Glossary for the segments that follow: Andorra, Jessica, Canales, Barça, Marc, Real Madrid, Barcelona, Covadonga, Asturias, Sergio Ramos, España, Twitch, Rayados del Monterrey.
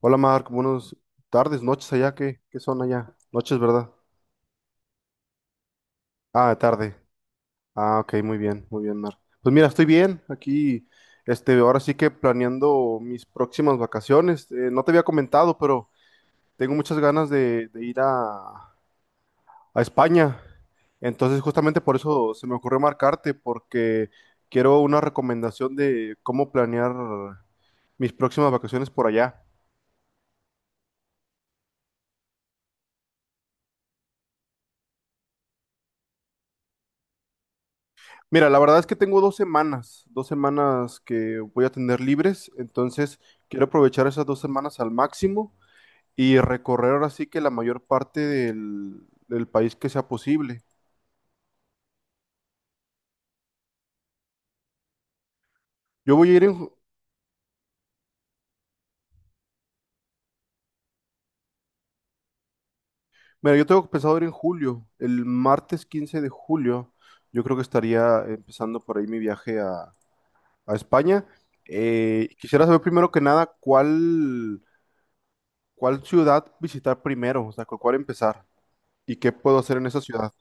Hola Marc, buenas tardes, noches allá, ¿qué son allá? Noches, ¿verdad? Ah, tarde. Ah, ok, muy bien, Marc. Pues mira, estoy bien aquí, ahora sí que planeando mis próximas vacaciones. No te había comentado, pero tengo muchas ganas de ir a España. Entonces, justamente por eso se me ocurrió marcarte, porque quiero una recomendación de cómo planear mis próximas vacaciones por allá. Mira, la verdad es que tengo dos semanas que voy a tener libres, entonces quiero aprovechar esas dos semanas al máximo y recorrer ahora sí que la mayor parte del país que sea posible. Yo voy a ir en, ju- Mira, yo tengo pensado ir en julio, el martes 15 de julio, yo creo que estaría empezando por ahí mi viaje a España. Quisiera saber primero que nada cuál ciudad visitar primero, o sea, con cuál empezar y qué puedo hacer en esa ciudad.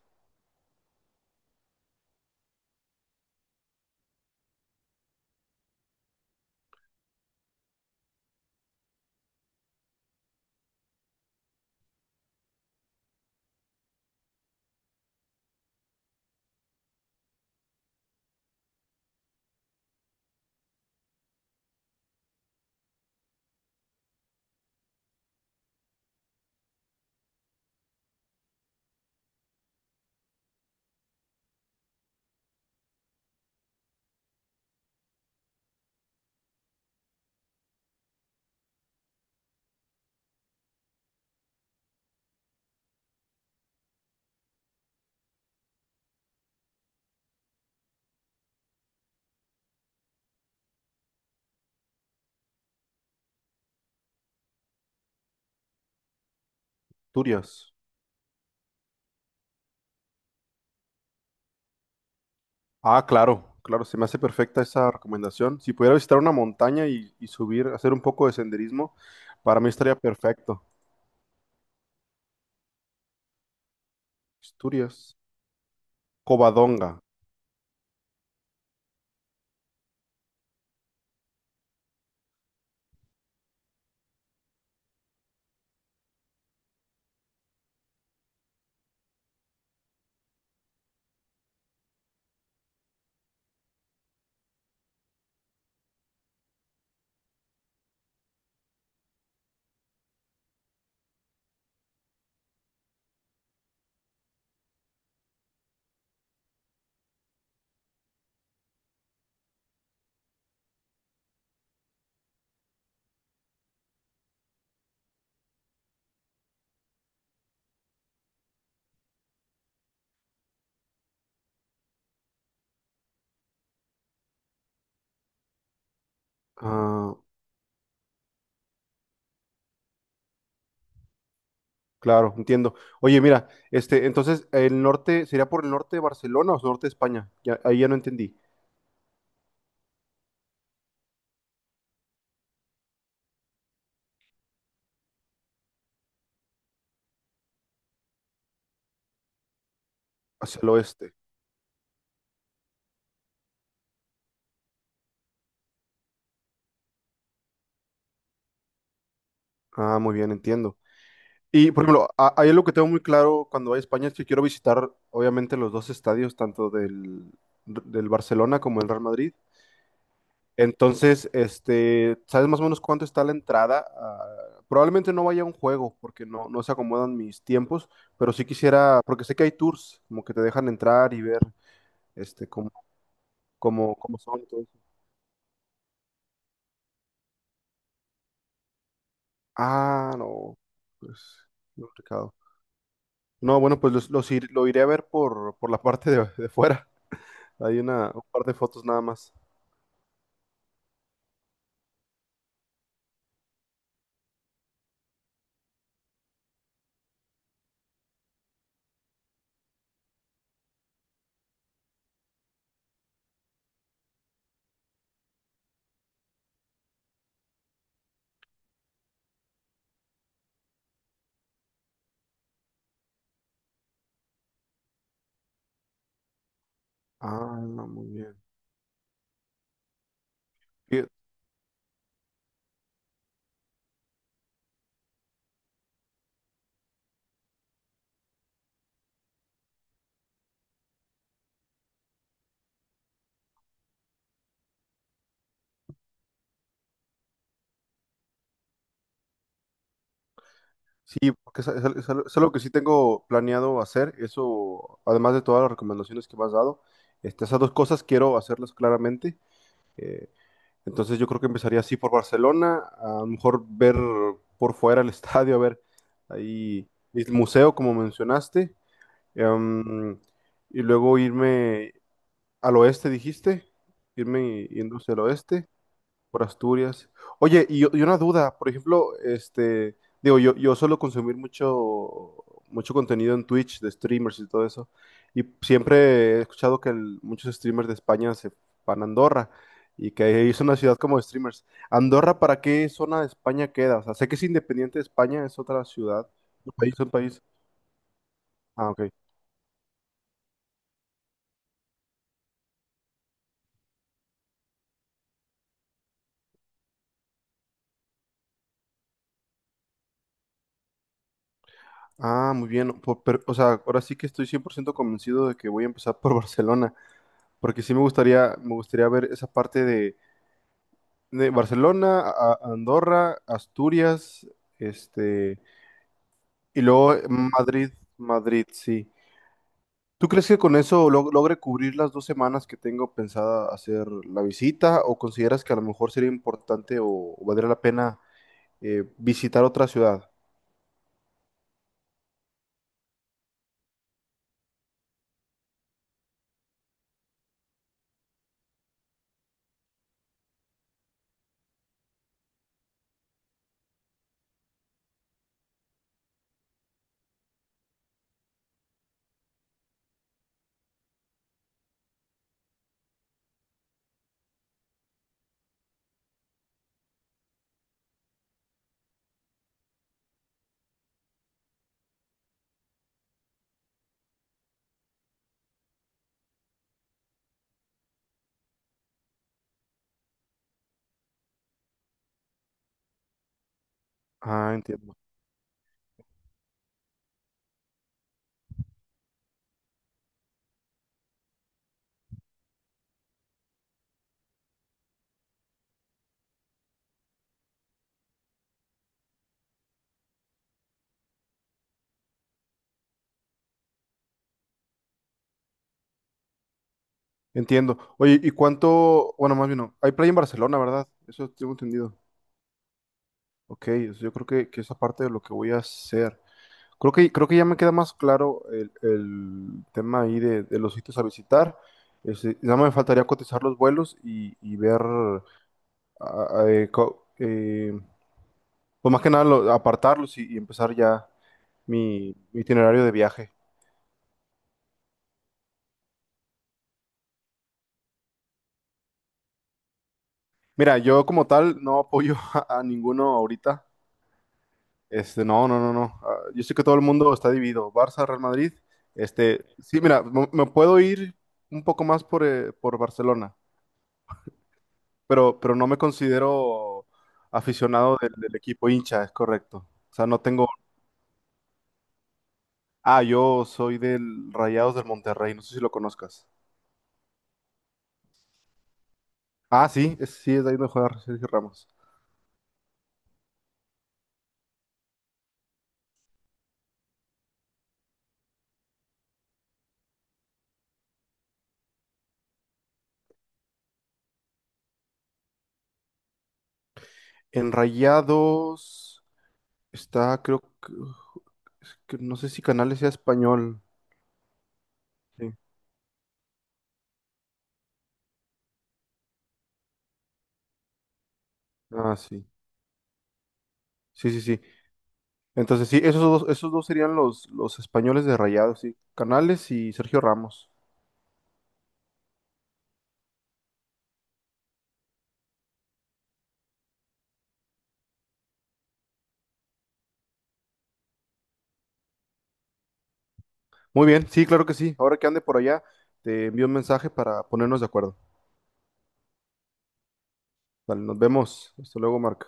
Asturias. Ah, claro, claro, se me hace perfecta esa recomendación. Si pudiera visitar una montaña y subir, hacer un poco de senderismo, para mí estaría perfecto. Asturias, Covadonga. Ah, claro, entiendo. Oye, mira, este, entonces, el norte, ¿sería por el norte de Barcelona o norte de España? Ya, ahí ya no entendí. Hacia el oeste. Ah, muy bien, entiendo. Y, por ejemplo, ahí lo que tengo muy claro cuando voy a España es que quiero visitar, obviamente, los dos estadios, tanto del Barcelona como el Real Madrid. Entonces, este, ¿sabes más o menos cuánto está la entrada? Ah, probablemente no vaya a un juego porque no, no se acomodan mis tiempos, pero sí quisiera, porque sé que hay tours, como que te dejan entrar y ver, este, cómo son y todo eso. Ah, no, pues, muy complicado. No, bueno, pues lo iré a ver por la parte de fuera. Hay una, un par de fotos nada más. Ah, no, muy bien. Fí- Sí, porque es algo, es algo que sí tengo planeado hacer, eso, además de todas las recomendaciones que me has dado, este, esas dos cosas quiero hacerlas claramente. eh, entonces yo creo que empezaría así por Barcelona, a lo mejor ver por fuera el estadio, a ver ahí el museo, como mencionaste, em, y luego irme al oeste, dijiste, irme yendo hacia el oeste, por Asturias. Oye, y una duda, por ejemplo, este, digo, yo suelo consumir mucho, mucho contenido en Twitch de streamers y todo eso, y siempre he escuchado que el- muchos streamers de España se van a Andorra y que ahí es una ciudad como de streamers. ¿Andorra para qué zona de España queda? O sea, sé que es independiente de España, es otra ciudad, un país. Ah, ok. Ah, muy bien. Por- pero, o sea, ahora sí que estoy 100% convencido de que voy a empezar por Barcelona, porque sí me gustaría ver esa parte de Barcelona, a Andorra, Asturias, este, y luego Madrid, Madrid, sí. ¿Tú crees que con eso logre cubrir las dos semanas que tengo pensada hacer la visita o consideras que a lo mejor sería importante o valdría la pena visitar otra ciudad? Ah, entiendo. Entiendo. Oye, ¿y cuánto? Bueno, más bien no. Hay playa en Barcelona, ¿verdad? Eso tengo entendido. Ok, o sea, yo creo que esa parte de lo que voy a hacer. Creo que ya me queda más claro el tema ahí de los sitios a visitar. Este, nada más me faltaría cotizar los vuelos y ver, ah, eh, co- eh, pues más que nada apartarlos y empezar ya mi itinerario de viaje. Mira, yo como tal no apoyo a ninguno ahorita. Este, no, no, no, no. Ah, yo sé que todo el mundo está dividido. Barça, Real Madrid. Este, sí, mira, me puedo ir un poco más por Barcelona. Pero no me considero aficionado del equipo. Hincha, es correcto. O sea, no tengo... Ah, yo soy del Rayados del Monterrey, no sé si lo conozcas. Ah, sí, sí, es de ahí donde juega Sergio Ramos. En Rayados está, creo que, es que no sé si Canales sea español. Sí. Ah, sí. Sí, sí, sí. Entonces, sí, esos dos serían los españoles de Rayados, sí. Canales y Sergio Ramos. Muy bien, sí, claro que sí. Ahora que ande por allá, te envío un mensaje para ponernos de acuerdo. Vale, nos vemos. Hasta luego, Marco.